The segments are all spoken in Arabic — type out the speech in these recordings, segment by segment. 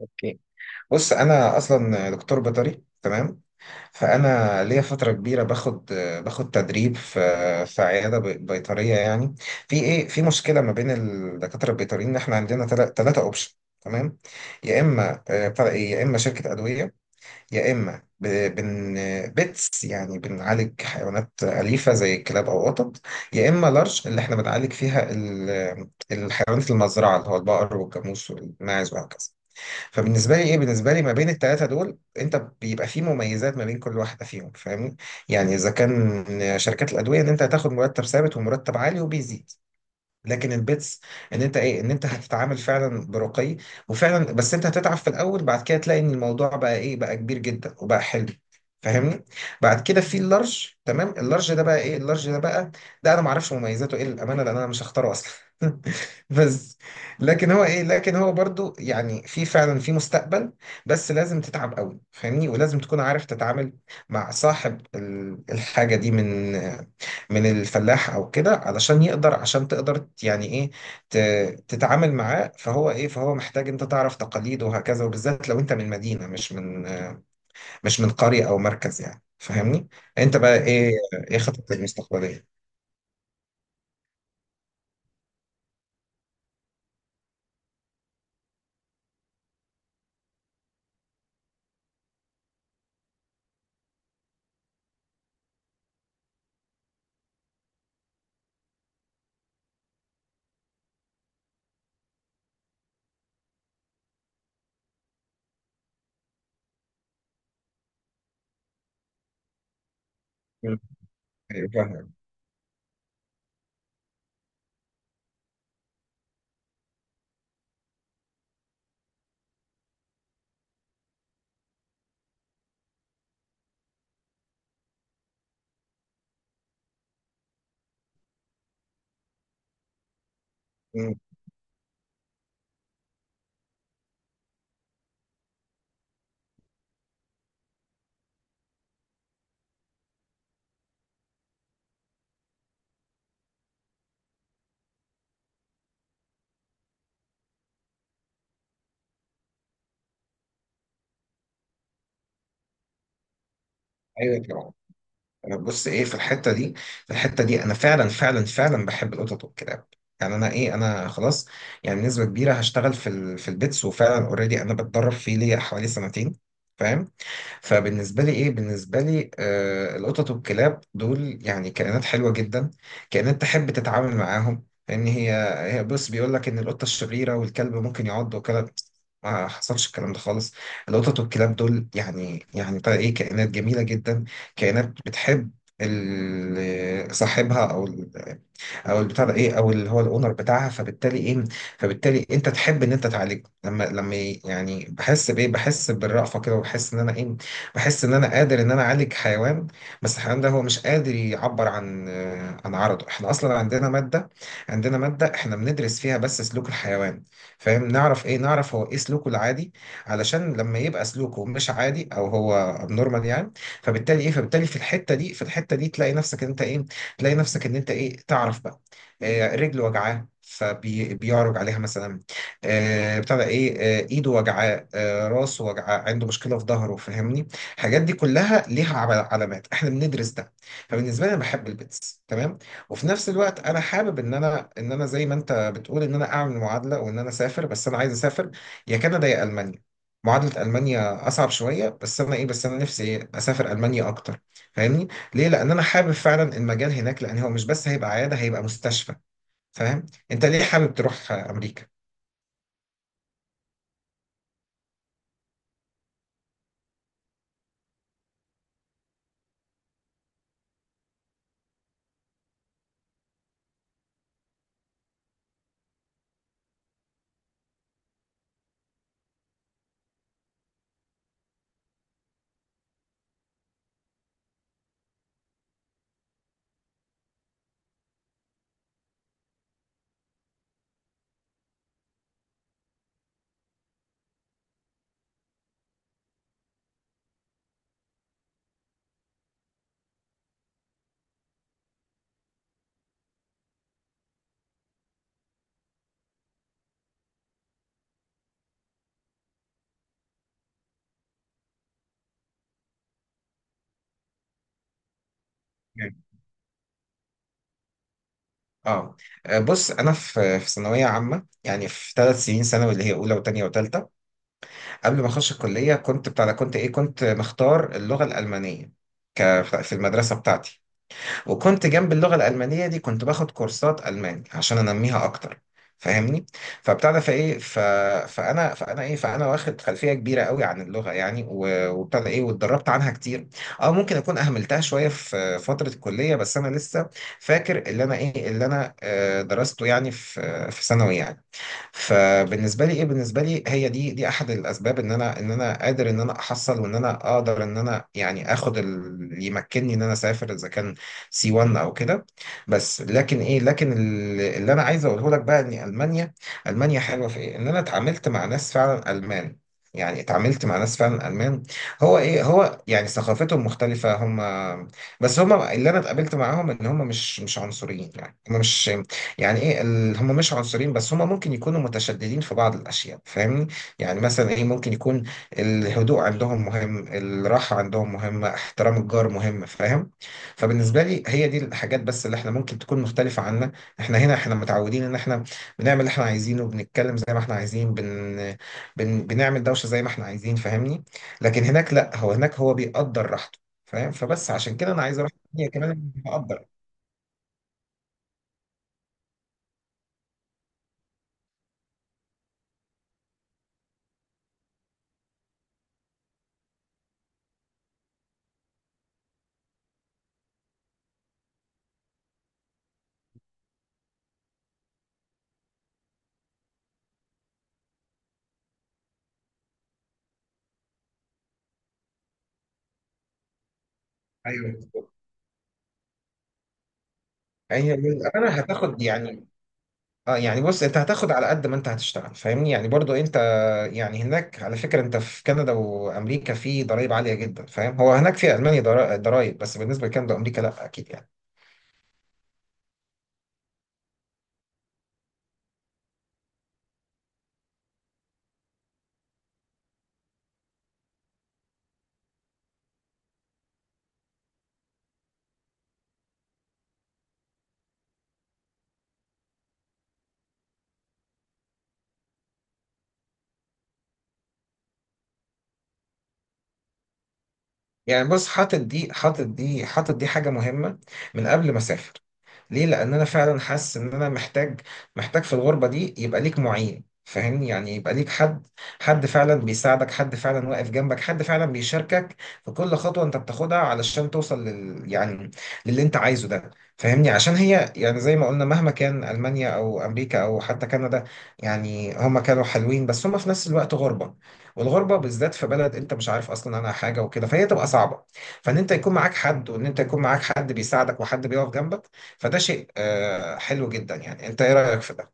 اوكي، بص، انا اصلا دكتور بيطري، تمام. فانا ليا فتره كبيره باخد تدريب في عياده بيطريه، يعني. في مشكله ما بين الدكاتره البيطريين، ان احنا عندنا ثلاثه اوبشن، تمام. يا اما بتاع إيه، يا اما شركه ادويه، يا اما ب- بن بيتس، يعني بنعالج حيوانات اليفه زي الكلاب او قطط، يا اما لارج اللي احنا بنعالج فيها الحيوانات المزرعه، اللي هو البقر والجاموس والماعز وهكذا. فبالنسبه لي بالنسبه لي ما بين الثلاثه دول انت بيبقى في مميزات ما بين كل واحده فيهم، فاهمني؟ يعني اذا كان شركات الادويه، ان انت هتاخد مرتب ثابت ومرتب عالي وبيزيد. لكن البيتس، ان انت ان انت هتتعامل فعلا برقي وفعلا، بس انت هتتعب في الاول، بعد كده تلاقي ان الموضوع بقى كبير جدا وبقى حلو، فاهمني؟ بعد كده في اللارج. تمام، اللارج ده بقى اللارج ده بقى، ده انا ما اعرفش مميزاته ايه، للامانه، لان انا مش هختاره اصلا. بس لكن هو ايه لكن هو برضو يعني في فعلا في مستقبل، بس لازم تتعب قوي، فاهمني؟ ولازم تكون عارف تتعامل مع صاحب الحاجه دي، من الفلاح او كده، علشان يقدر، عشان تقدر تتعامل معاه. فهو محتاج انت تعرف تقاليد وهكذا، وبالذات لو انت من مدينة مش من مش من قرية او مركز، يعني فاهمني؟ انت بقى ايه خطتك المستقبلية؟ مم. ايوه، فاهم. مم. ايوه، طبعا. انا بص ايه، في الحتة دي انا فعلا فعلا فعلا بحب القطط والكلاب، يعني انا خلاص، يعني بنسبة كبيرة هشتغل في في البيتس. وفعلا اوريدي انا بتدرب فيه ليا حوالي سنتين، فاهم؟ فبالنسبة لي بالنسبة لي آه القطط والكلاب دول يعني كائنات حلوة جدا، كائنات تحب تتعامل معاهم. لأن هي هي بص، بيقول لك إن القطة الشريرة والكلب ممكن يعض، وكلب، ما حصلش الكلام ده خالص. القطط والكلاب دول يعني يعني بقى إيه كائنات جميلة جدا، كائنات بتحب صاحبها، أو او البتاع ده ايه او اللي هو الاونر بتاعها. فبالتالي فبالتالي انت تحب ان انت تعالجه، لما بحس بالرأفة كده، وبحس ان انا ايه بحس ان انا قادر ان انا اعالج حيوان، بس الحيوان ده هو مش قادر يعبر عن عن عرضه. احنا اصلا عندنا مادة، عندنا مادة احنا بندرس فيها بس سلوك الحيوان، فاهم؟ نعرف هو ايه سلوكه العادي، علشان لما يبقى سلوكه مش عادي او هو ابنورمال، يعني. فبالتالي في الحتة دي في الحتة دي تلاقي نفسك ان انت ايه، تعرف بقى، رجله وجعاه فبيعرج عليها مثلا، آه، بتاع ده ايه آه، ايده وجعاه، راسه وجعاه، عنده مشكله في ظهره، فاهمني؟ الحاجات دي كلها ليها علامات، احنا بندرس ده. فبالنسبه لي انا بحب البيتس، تمام. وفي نفس الوقت انا حابب ان انا زي ما انت بتقول ان انا اعمل معادله وان انا اسافر. بس انا عايز اسافر يا كندا يا المانيا. معادله المانيا اصعب شويه، بس انا نفسي إيه؟ اسافر المانيا اكتر، فاهمني؟ ليه؟ لان انا حابب فعلا المجال هناك، لان هو مش بس هيبقى عياده، هيبقى مستشفى. فاهم؟ انت ليه حابب تروح امريكا؟ يعني. اه، بص، انا في ثانويه عامه، يعني في ثلاث سنين ثانوي اللي هي اولى وثانيه وثالثه. قبل ما اخش الكليه كنت بتاع ده- كنت ايه كنت مختار اللغه الالمانيه في المدرسه بتاعتي. وكنت جنب اللغة الألمانية دي كنت باخد كورسات ألماني عشان أنميها أكتر، فاهمني؟ فبتاع ده فايه ف... فانا واخد خلفيه كبيره قوي عن اللغه، يعني، و- وبتاع ده ايه واتدربت عنها كتير. اه ممكن اكون اهملتها شويه في فتره الكليه، بس انا لسه فاكر اللي انا درسته يعني في في ثانوي يعني. فبالنسبه لي بالنسبه لي هي دي احد الاسباب ان انا قادر ان انا احصل وان انا اقدر ان انا اخد اللي يمكنني ان انا اسافر، اذا كان سي 1 او كده. بس لكن ايه لكن ال- اللي انا عايز اقوله لك بقى ان المانيا، المانيا حلوه في ايه، ان انا اتعاملت مع ناس فعلا المان، يعني اتعاملت مع ناس فعلا المان. هو يعني ثقافتهم مختلفه. هم بس هم اللي انا اتقابلت معاهم ان هم مش عنصريين، يعني هم مش يعني ايه ال- هم مش عنصريين، بس هم ممكن يكونوا متشددين في بعض الاشياء، فاهمني؟ يعني مثلا ممكن يكون الهدوء عندهم مهم، الراحه عندهم مهمه، احترام الجار مهم، فاهم؟ فبالنسبه لي هي دي الحاجات بس اللي احنا ممكن تكون مختلفه عنا. احنا هنا احنا متعودين ان احنا بنعمل اللي احنا عايزينه، بنتكلم زي ما احنا عايزين، بنعمل دوشه زي ما احنا عايزين، فاهمني؟ لكن هناك لا، هو هناك هو بيقدر راحته، فاهم؟ فبس عشان كده انا عايز اروح. هي كمان بقدر. ايوه، هي للأمانة هتاخد يعني، اه يعني بص، انت هتاخد على قد ما انت هتشتغل، فاهمني؟ يعني برضو انت، يعني هناك على فكرة، انت في كندا وامريكا في ضرائب عالية جدا، فاهم؟ هو هناك في المانيا ضرائب، بس بالنسبة لكندا وامريكا لا، اكيد يعني. يعني بص، حاطط دي حاجة مهمة من قبل ما أسافر. ليه؟ لأن أنا فعلا حاسس إن أنا محتاج، محتاج في الغربة دي يبقى ليك معين، فاهمني؟ يعني يبقى ليك حد، حد فعلا بيساعدك، حد فعلا واقف جنبك، حد فعلا بيشاركك في كل خطوة أنت بتاخدها علشان توصل لل، يعني للي أنت عايزه ده، فاهمني؟ عشان هي يعني زي ما قلنا، مهما كان ألمانيا أو أمريكا أو حتى كندا، يعني هما كانوا حلوين، بس هما في نفس الوقت غربة. والغربه بالذات في بلد انت مش عارف اصلا عنها حاجه وكده، فهي تبقى صعبه. فان انت يكون معاك حد، وان انت يكون معاك حد بيساعدك وحد بيقف جنبك، فده شيء حلو جدا، يعني. انت ايه رايك في ده؟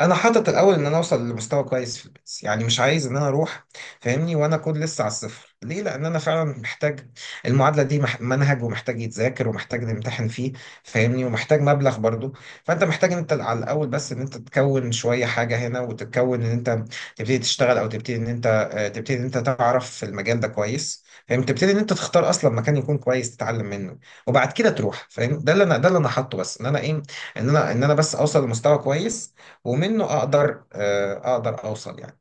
انا حاطط الاول ان انا اوصل لمستوى كويس في البيس، يعني مش عايز ان انا اروح، فاهمني؟ وانا اكون لسه على الصفر. ليه؟ لان انا فعلا محتاج المعادله دي، منهج ومحتاج يتذاكر ومحتاج نمتحن فيه، فاهمني؟ ومحتاج مبلغ برضو. فانت محتاج انت على الاول بس ان انت تكون شويه حاجه هنا، وتتكون ان انت تبتدي تشتغل، او تبتدي ان انت تبتدي ان انت تعرف في المجال ده كويس، فاهم؟ تبتدي ان انت تختار اصلا مكان يكون كويس تتعلم منه، وبعد كده تروح، فاهم؟ ده اللي انا حاطه، بس ان انا ايه ان انا بس اوصل لمستوى كويس، ومنه اقدر اقدر اوصل، يعني.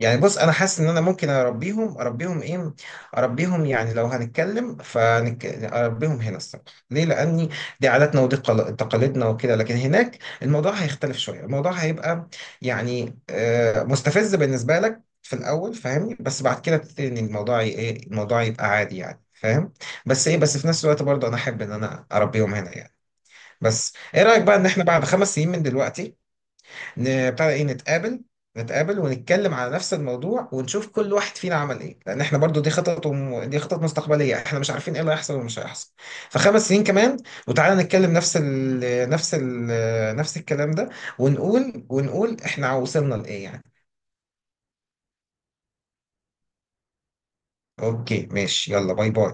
يعني بص انا حاسس ان انا ممكن اربيهم، اربيهم ايه اربيهم يعني لو هنتكلم اربيهم هنا الصراحه. ليه؟ لاني دي عاداتنا ودي تقاليدنا وكده. لكن هناك الموضوع هيختلف شويه، الموضوع هيبقى يعني مستفز بالنسبه لك في الاول، فاهمني؟ بس بعد كده تبتدي ان الموضوع ي- ايه الموضوع يبقى عادي، يعني فاهم؟ بس ايه، بس في نفس الوقت برضه انا احب ان انا اربيهم هنا، يعني. بس ايه رايك بقى ان احنا بعد خمس سنين من دلوقتي ن- بتاع ده ايه نتقابل نتقابل ونتكلم على نفس الموضوع، ونشوف كل واحد فينا عمل ايه؟ لان احنا برضو دي خطط دي خطط مستقبليه، احنا مش عارفين ايه اللي هيحصل ومش هيحصل. فخمس سنين كمان وتعالى نتكلم نفس الكلام ده، ونقول احنا وصلنا لايه، يعني. اوكي، ماشي، يلا باي باي.